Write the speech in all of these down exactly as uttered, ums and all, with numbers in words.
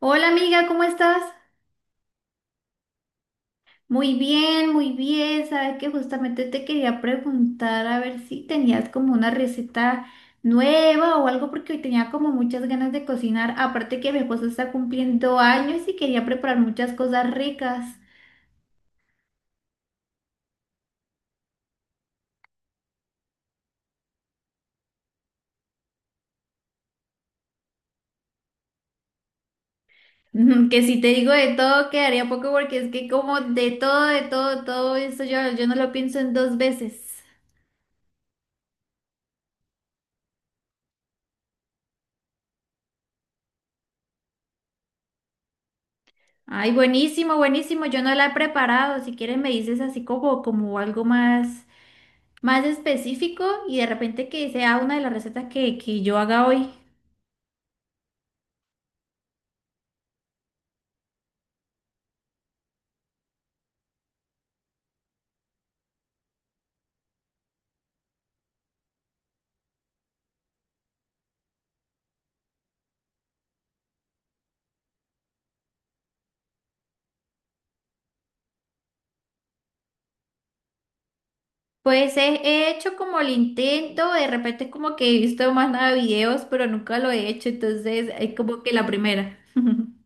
Hola amiga, ¿cómo estás? Muy bien, muy bien. Sabes que justamente te quería preguntar a ver si tenías como una receta nueva o algo porque hoy tenía como muchas ganas de cocinar. Aparte que mi esposo está cumpliendo años y quería preparar muchas cosas ricas. Mm, Que si te digo de todo quedaría poco porque es que como de todo, de todo, todo eso yo, yo no lo pienso en dos veces. Ay, buenísimo, buenísimo. Yo no la he preparado. Si quieres me dices así como, como algo más. Más específico y de repente que sea una de las recetas que, que yo haga hoy. Pues he, he hecho como el intento, de repente como que he visto más nada videos, pero nunca lo he hecho, entonces es como que la primera.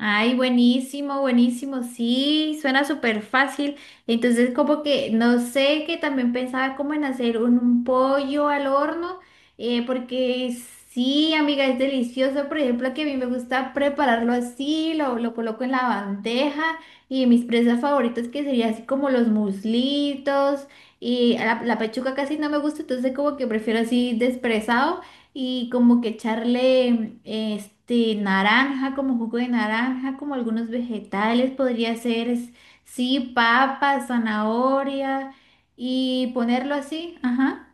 Ay, buenísimo, buenísimo, sí, suena súper fácil. Entonces, como que, no sé, que también pensaba como en hacer un, un pollo al horno, eh, porque sí, amiga, es delicioso. Por ejemplo, que a mí me gusta prepararlo así, lo, lo coloco en la bandeja y mis presas favoritas que serían así como los muslitos y la, la pechuga casi no me gusta, entonces como que prefiero así despresado y como que echarle este naranja, como jugo de naranja, como algunos vegetales, podría ser, es- sí, papa, zanahoria y ponerlo así, ajá.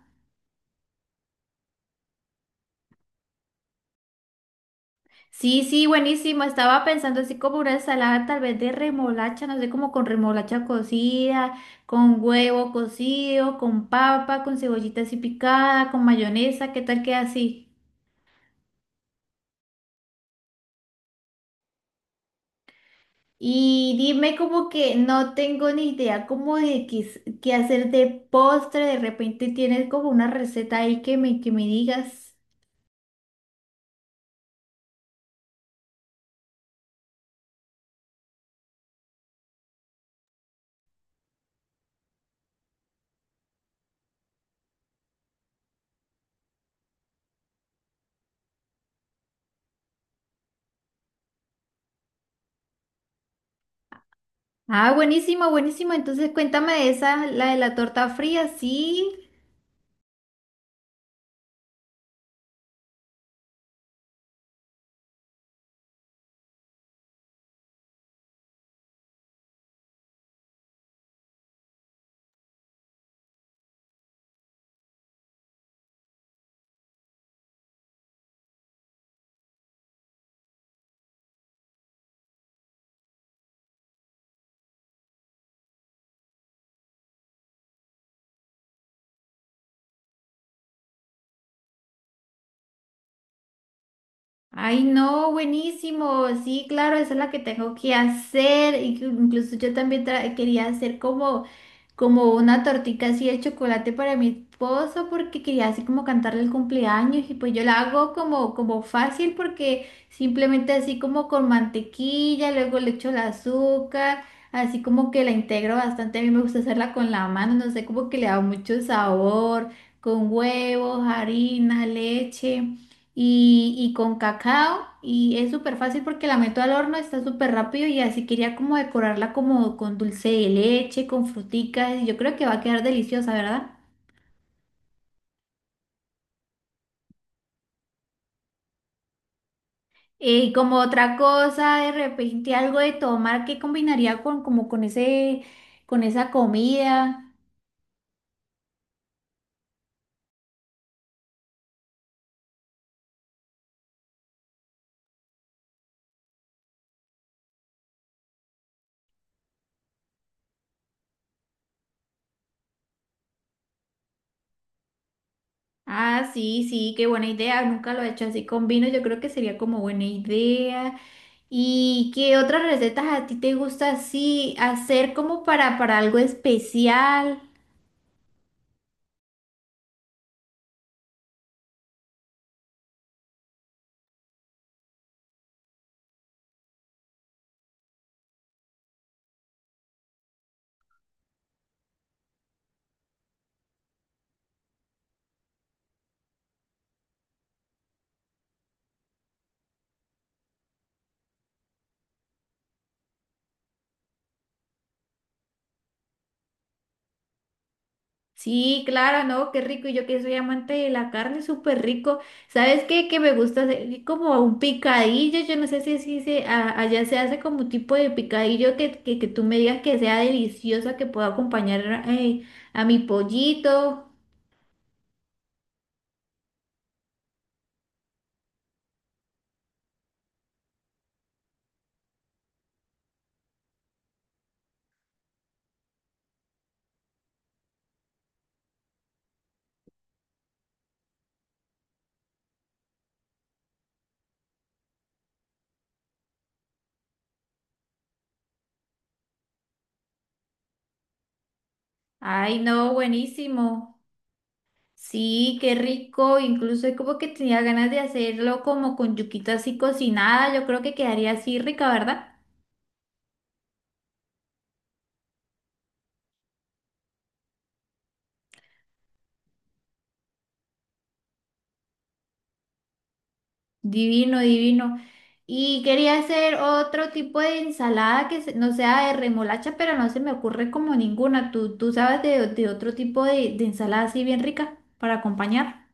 Sí, sí, buenísimo. Estaba pensando así como una ensalada tal vez de remolacha, no sé, como con remolacha cocida, con huevo cocido, con papa, con cebollita así picada, con mayonesa, ¿qué tal queda así? Y dime como que no tengo ni idea como de qué, s- qué hacer de postre, de repente tienes como una receta ahí que me, que me digas. Ah, buenísimo, buenísimo. Entonces cuéntame de esa, la de la torta fría, sí. Ay, no, buenísimo. Sí, claro, esa es la que tengo que hacer. Inclu- Incluso yo también tra- quería hacer como como una tortita así de chocolate para mi esposo porque quería así como cantarle el cumpleaños y pues yo la hago como, como fácil porque simplemente así como con mantequilla, luego le echo el azúcar, así como que la integro bastante, a mí me gusta hacerla con la mano, no sé, como que le da mucho sabor, con huevos, harina, leche y, y con cacao y es súper fácil porque la meto al horno, está súper rápido y así quería como decorarla como con dulce de leche, con fruticas y yo creo que va a quedar deliciosa, ¿verdad? Eh, y como otra cosa, de repente algo de tomar que combinaría con como con ese con esa comida. Ah, sí, sí, qué buena idea. Nunca lo he hecho así con vino. Yo creo que sería como buena idea. ¿Y qué otras recetas a ti te gusta así hacer como para, para algo especial? Sí, claro, ¿no? Qué rico. Y yo que soy amante de la carne, súper rico. ¿Sabes qué? Que me gusta hacer como un picadillo. Yo no sé si, si se, a- allá se hace como un tipo de picadillo que, que, que tú me digas que sea deliciosa, que pueda acompañar eh, a mi pollito. Ay, no, buenísimo. Sí, qué rico. Incluso es como que tenía ganas de hacerlo como con yuquita así cocinada. Yo creo que quedaría así rica, ¿verdad? Divino, divino. Y quería hacer otro tipo de ensalada que se- no sea de remolacha, pero no se me ocurre como ninguna. ¿Tú, tú sabes de, de otro tipo de, de ensalada así bien rica para acompañar?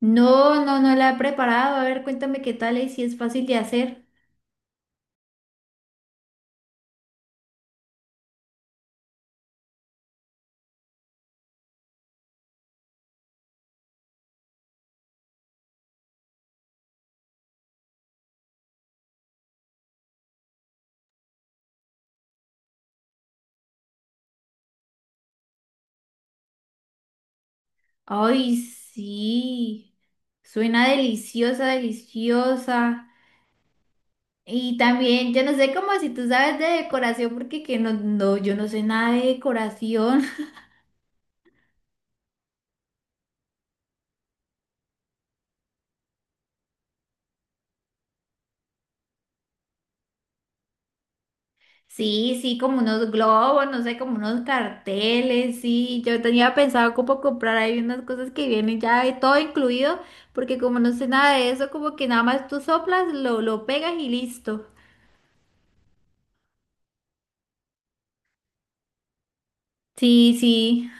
No, no, no la he preparado. A ver, cuéntame qué tal y si es fácil de hacer. Ay, sí. Suena deliciosa, deliciosa. Y también, yo no sé cómo si tú sabes de decoración, porque que no, no, yo no sé nada de decoración. Sí, sí, como unos globos, no sé, como unos carteles, sí. Yo tenía pensado como comprar ahí unas cosas que vienen ya de todo incluido, porque como no sé nada de eso, como que nada más tú soplas, lo, lo pegas y listo. Sí, sí,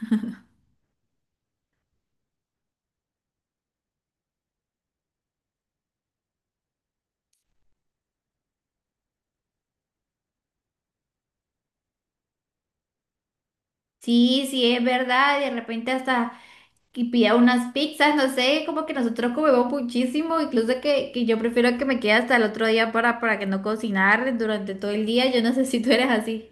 sí, sí, es verdad. De repente hasta que pida unas pizzas, no sé, como que nosotros comemos muchísimo, incluso que, que yo prefiero que me quede hasta el otro día para, para que no cocinar durante todo el día. Yo no sé si tú eres así.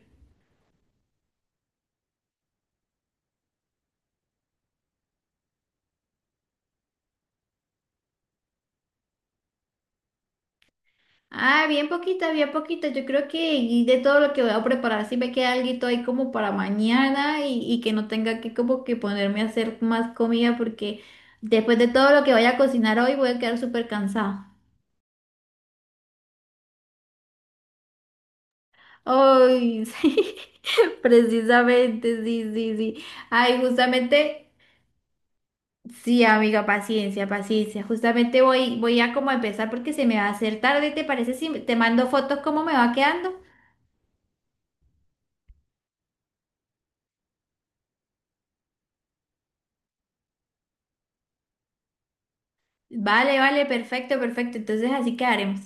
Ah, bien poquita, bien poquita. Yo creo que y de todo lo que voy a preparar, si me queda algo ahí como para mañana y, y que no tenga que como que ponerme a hacer más comida porque después de todo lo que vaya a cocinar hoy voy a quedar súper cansada. Ay, sí, precisamente, sí, sí, sí. Ay, justamente, sí, amiga, paciencia, paciencia. Justamente voy, voy a como empezar porque se me va a hacer tarde. ¿Te parece si te mando fotos cómo me va quedando? Vale, vale, perfecto, perfecto. Entonces así quedaremos.